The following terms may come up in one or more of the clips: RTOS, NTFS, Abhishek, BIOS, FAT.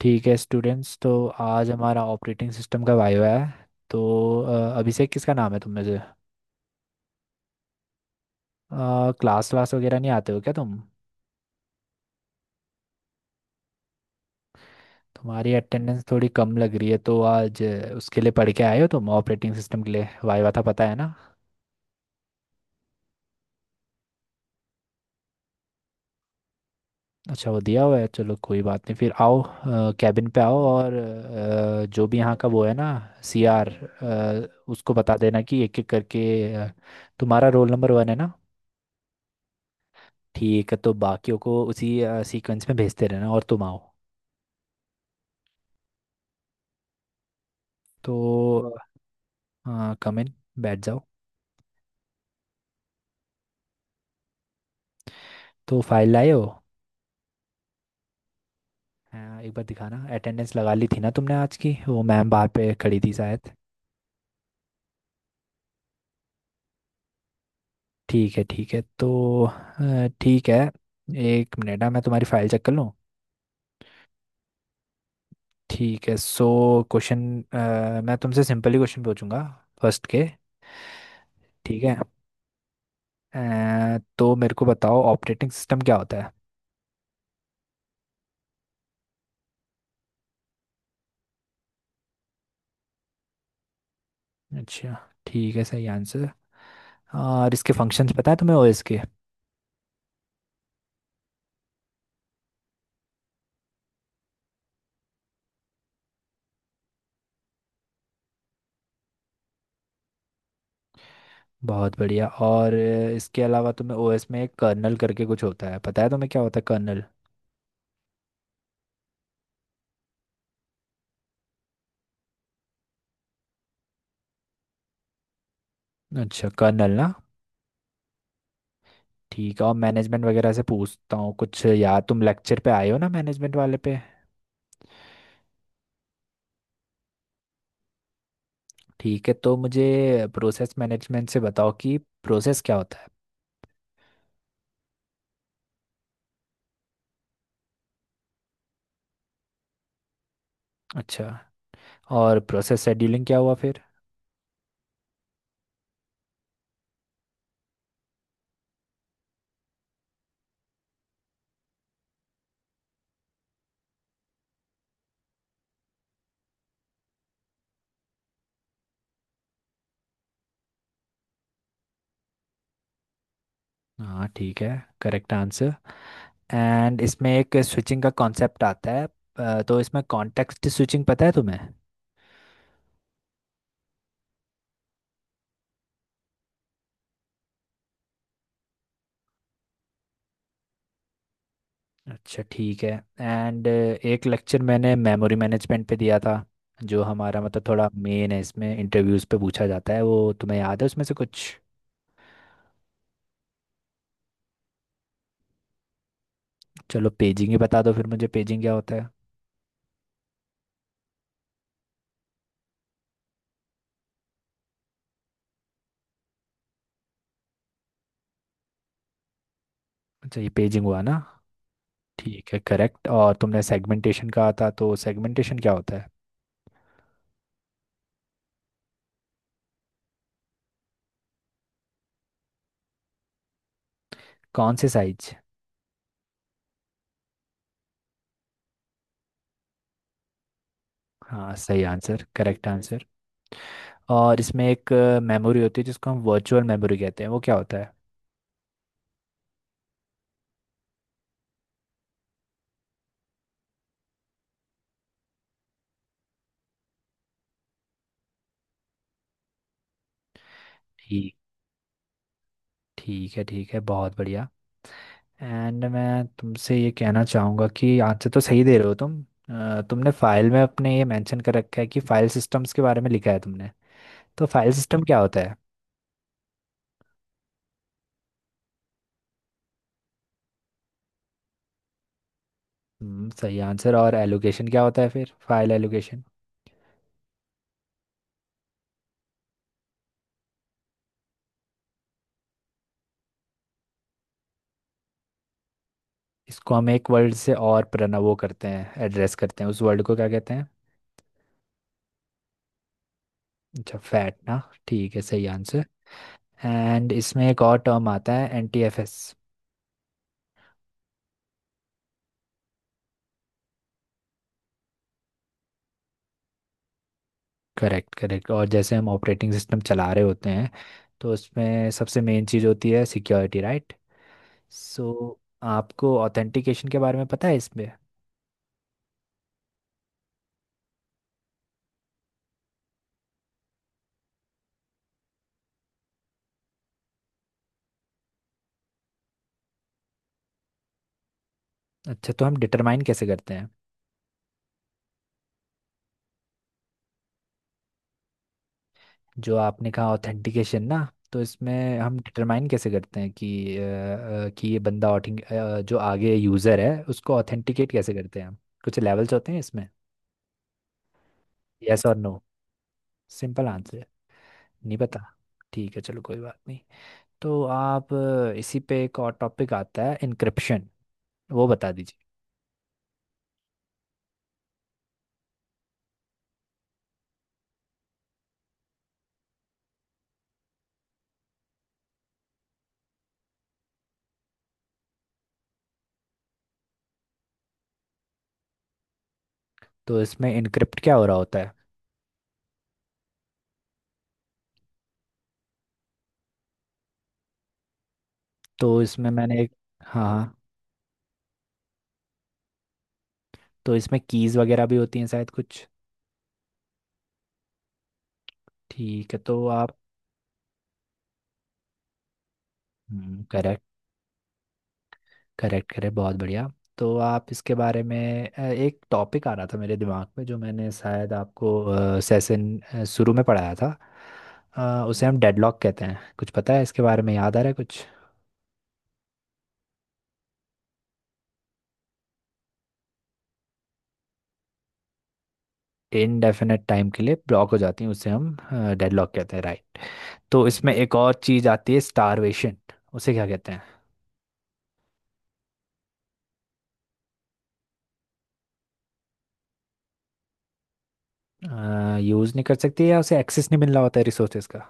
ठीक है स्टूडेंट्स, तो आज हमारा ऑपरेटिंग सिस्टम का वाइवा है। तो अभिषेक किसका नाम है तुम में से? क्लास क्लास वगैरह नहीं आते हो क्या तुम? तुम्हारी अटेंडेंस थोड़ी कम लग रही है, तो आज उसके लिए पढ़ के आए हो, तुम ऑपरेटिंग सिस्टम के लिए वाइवा था पता है ना? अच्छा, वो दिया हुआ है, चलो कोई बात नहीं, फिर आओ। कैबिन पे आओ, और जो भी यहाँ का वो है ना, सीआर, उसको बता देना कि एक एक करके तुम्हारा रोल नंबर 1 है ना? ठीक है, तो बाकियों को उसी सीक्वेंस में भेजते रहना और तुम आओ। तो हाँ। कम इन, बैठ जाओ। तो फाइल लाए हो? हाँ, एक बार दिखाना। अटेंडेंस लगा ली थी ना तुमने आज की? वो मैम बाहर पे खड़ी थी शायद। ठीक है ठीक है, तो ठीक है, एक मिनट, हाँ, मैं तुम्हारी फाइल चेक कर लूँ। ठीक है, सो क्वेश्चन। मैं तुमसे सिंपल ही क्वेश्चन पूछूंगा फर्स्ट के। ठीक है, तो मेरे को बताओ ऑपरेटिंग सिस्टम क्या होता है? अच्छा, ठीक है, सही आंसर। हाँ, और इसके फंक्शंस पता है तुम्हें ओएस के? बहुत बढ़िया, और इसके अलावा तुम्हें ओएस में एक कर्नल करके कुछ होता है, पता है तुम्हें क्या होता है कर्नल? अच्छा, कर्नल ना? ठीक है, और मैनेजमेंट वगैरह से पूछता हूँ कुछ, यार तुम लेक्चर पे आए हो ना मैनेजमेंट वाले पे? ठीक है, तो मुझे प्रोसेस मैनेजमेंट से बताओ कि प्रोसेस क्या होता है? अच्छा, और प्रोसेस शेड्यूलिंग क्या हुआ फिर? हाँ, ठीक है, करेक्ट आंसर। एंड इसमें एक स्विचिंग का कॉन्सेप्ट आता है। तो इसमें कॉन्टेक्स्ट स्विचिंग पता है तुम्हें? अच्छा, ठीक है। एंड एक लेक्चर मैंने मेमोरी मैनेजमेंट पे दिया था, जो हमारा मतलब थोड़ा मेन है, इसमें इंटरव्यूज पे पूछा जाता है, वो तुम्हें याद है उसमें से कुछ? चलो पेजिंग ही बता दो फिर, मुझे पेजिंग क्या होता है? अच्छा, ये पेजिंग हुआ ना? ठीक है, करेक्ट। और तुमने सेगमेंटेशन कहा था, तो सेगमेंटेशन क्या होता है? कौन से साइज? हाँ, सही आंसर, करेक्ट आंसर। और इसमें एक मेमोरी होती है जिसको हम वर्चुअल मेमोरी कहते हैं, वो क्या होता है? ठीक। ठीक है, ठीक है, बहुत बढ़िया। एंड मैं तुमसे ये कहना चाहूँगा कि आंसर तो सही दे रहे हो तुम। तुमने फाइल में अपने ये मेंशन कर रखा है कि फाइल सिस्टम्स के बारे में लिखा है तुमने, तो फाइल सिस्टम क्या होता है? सही आंसर। और एलोकेशन क्या होता है फिर, फाइल एलोकेशन? इसको हम एक वर्ड से और प्रना वो करते हैं, एड्रेस करते हैं, उस वर्ड को क्या कहते हैं? अच्छा, फैट ना? ठीक है, सही आंसर। एंड इसमें एक और टर्म आता है, NTFS। Correct correct. और जैसे हम ऑपरेटिंग सिस्टम चला रहे होते हैं, तो उसमें सबसे मेन चीज़ होती है सिक्योरिटी, राइट? सो आपको ऑथेंटिकेशन के बारे में पता है इसमें? अच्छा, तो हम डिटरमाइन कैसे करते हैं? जो आपने कहा ऑथेंटिकेशन ना, तो इसमें हम डिटरमाइन कैसे करते हैं कि कि ये बंदा जो आगे यूज़र है उसको ऑथेंटिकेट कैसे करते हैं हम? कुछ लेवल्स होते हैं इसमें। यस और नो, सिंपल आंसर। नहीं पता? ठीक है, चलो कोई बात नहीं। तो आप, इसी पे एक और टॉपिक आता है, इनक्रिप्शन, वो बता दीजिए। तो इसमें इनक्रिप्ट क्या हो रहा होता है? तो इसमें मैंने एक, हाँ हाँ। तो इसमें कीज वगैरह भी होती हैं शायद कुछ? ठीक है, तो आप, करेक्ट। करेक्ट करेक्ट, बहुत बढ़िया। तो आप इसके बारे में, एक टॉपिक आ रहा था मेरे दिमाग में जो मैंने शायद आपको सेशन शुरू में पढ़ाया था, उसे हम डेडलॉक कहते हैं, कुछ पता है इसके बारे में, याद आ रहा है कुछ? इनडेफिनेट टाइम के लिए ब्लॉक हो जाती हैं उसे हम डेडलॉक कहते हैं, राइट? तो इसमें एक और चीज़ आती है, स्टारवेशन, उसे क्या कहते हैं? यूज़ नहीं कर सकती, या उसे एक्सेस नहीं मिल रहा होता है रिसोर्सेज का?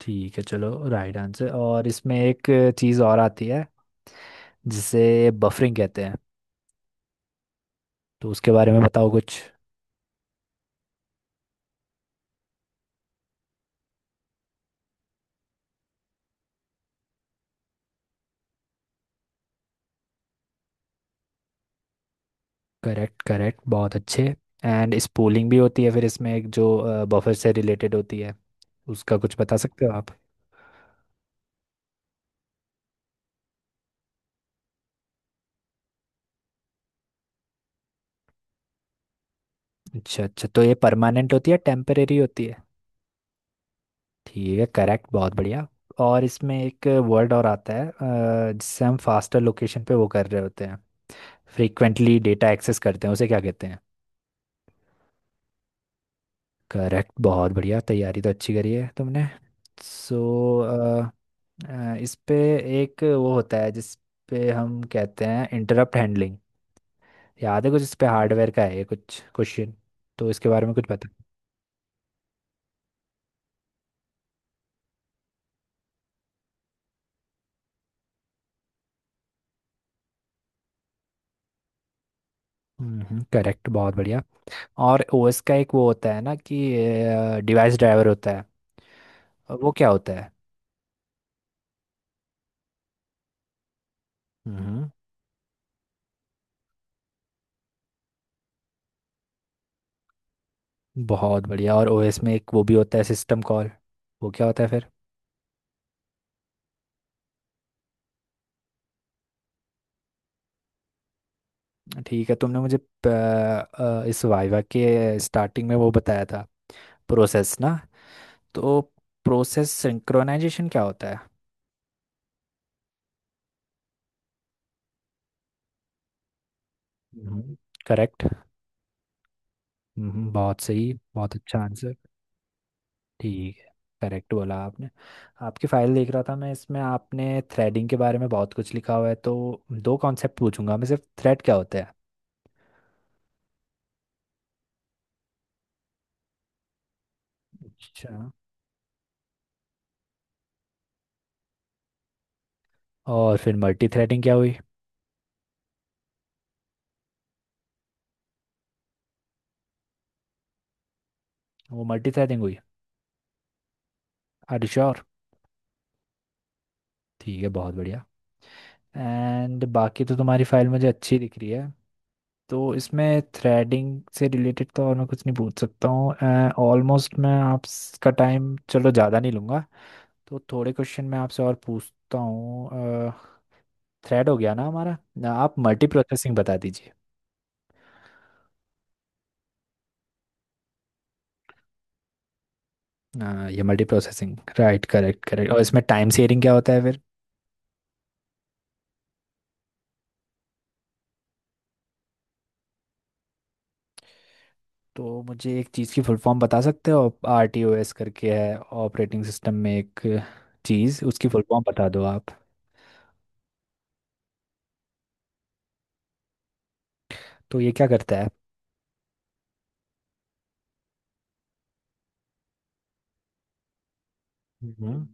ठीक है चलो, राइट आंसर। और इसमें एक चीज़ और आती है, जिसे बफरिंग कहते हैं, तो उसके बारे में बताओ कुछ। करेक्ट करेक्ट, बहुत अच्छे। एंड स्पूलिंग भी होती है फिर इसमें एक, जो बफर से रिलेटेड होती है, उसका कुछ बता सकते हो आप? अच्छा अच्छा, तो ये परमानेंट होती है टेम्परेरी होती है? ठीक है, करेक्ट, बहुत बढ़िया। और इसमें एक वर्ड और आता है, जिससे हम फास्टर लोकेशन पे वो कर रहे होते हैं, फ्रीक्वेंटली डेटा एक्सेस करते हैं, उसे क्या कहते हैं? करेक्ट, बहुत बढ़िया, तैयारी तो अच्छी करी है तुमने। सो इस पे एक वो होता है जिस पे हम कहते हैं इंटरप्ट हैंडलिंग, याद है कुछ इस पे? हार्डवेयर का है ये कुछ क्वेश्चन, तो इसके बारे में कुछ पता? करेक्ट, बहुत बढ़िया। और ओएस का एक वो होता है ना कि डिवाइस ड्राइवर होता है, और वो क्या होता है? हम्म बहुत बढ़िया। और ओएस में एक वो भी होता है सिस्टम कॉल, वो क्या होता है फिर? ठीक है, तुमने मुझे इस वाइवा के स्टार्टिंग में वो बताया था प्रोसेस ना, तो प्रोसेस सिंक्रोनाइजेशन क्या होता है? हम्म। करेक्ट। बहुत सही, बहुत अच्छा आंसर। ठीक है, करेक्ट बोला आपने। आपकी फाइल देख रहा था मैं, इसमें आपने थ्रेडिंग के बारे में बहुत कुछ लिखा हुआ है, तो दो कॉन्सेप्ट पूछूंगा मैं सिर्फ, थ्रेड क्या होता है? अच्छा, और फिर मल्टी थ्रेडिंग क्या हुई? वो मल्टी थ्रेडिंग हुई? Are you sure? ठीक है, बहुत बढ़िया। एंड बाकी तो तुम्हारी फाइल मुझे अच्छी दिख रही है, तो इसमें थ्रेडिंग से रिलेटेड तो और मैं कुछ नहीं पूछ सकता हूँ। ऑलमोस्ट, मैं आपका टाइम चलो ज़्यादा नहीं लूँगा, तो थोड़े क्वेश्चन मैं आपसे और पूछता हूँ। थ्रेड हो गया ना हमारा, ना, आप मल्टी प्रोसेसिंग बता दीजिए। ये multiprocessing, right? Correct correct, और इसमें टाइम शेयरिंग क्या होता है फिर? तो मुझे एक चीज़ की फुल फॉर्म बता सकते हो, RTOS करके है ऑपरेटिंग सिस्टम में एक चीज़, उसकी फुल फॉर्म बता दो आप। तो ये क्या करता है? हम्म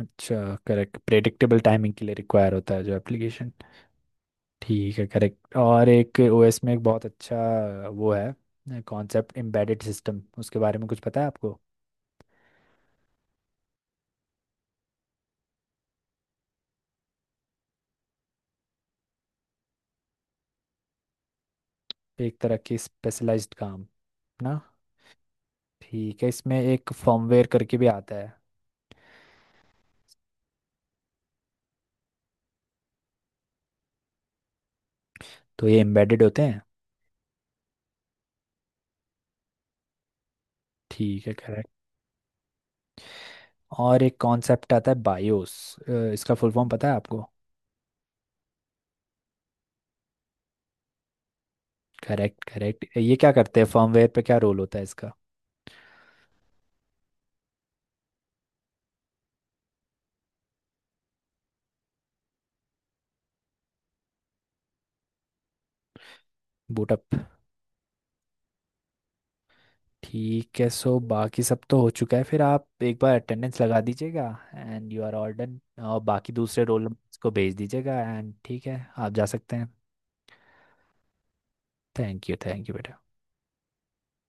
अच्छा, करेक्ट, प्रेडिक्टेबल टाइमिंग के लिए रिक्वायर होता है जो एप्लीकेशन। ठीक है, करेक्ट। और एक ओएस में एक बहुत अच्छा वो है कॉन्सेप्ट, एम्बेडेड सिस्टम, उसके बारे में कुछ पता है आपको? एक तरह की स्पेशलाइज्ड काम ना? ठीक है, इसमें एक फर्मवेयर करके भी आता है, तो ये एम्बेडेड होते हैं? ठीक है, करेक्ट। और एक कॉन्सेप्ट आता है बायोस, इसका फुल फॉर्म पता है आपको? करेक्ट करेक्ट, ये क्या करते हैं, फर्मवेयर पे क्या रोल होता है इसका? बूटअप। ठीक है, सो बाकी सब तो हो चुका है, फिर आप एक बार अटेंडेंस लगा दीजिएगा and you are all done, और बाकी दूसरे रोल नंबर्स को भेज दीजिएगा, एंड ठीक है, आप जा सकते हैं। थैंक यू, थैंक यू बेटा।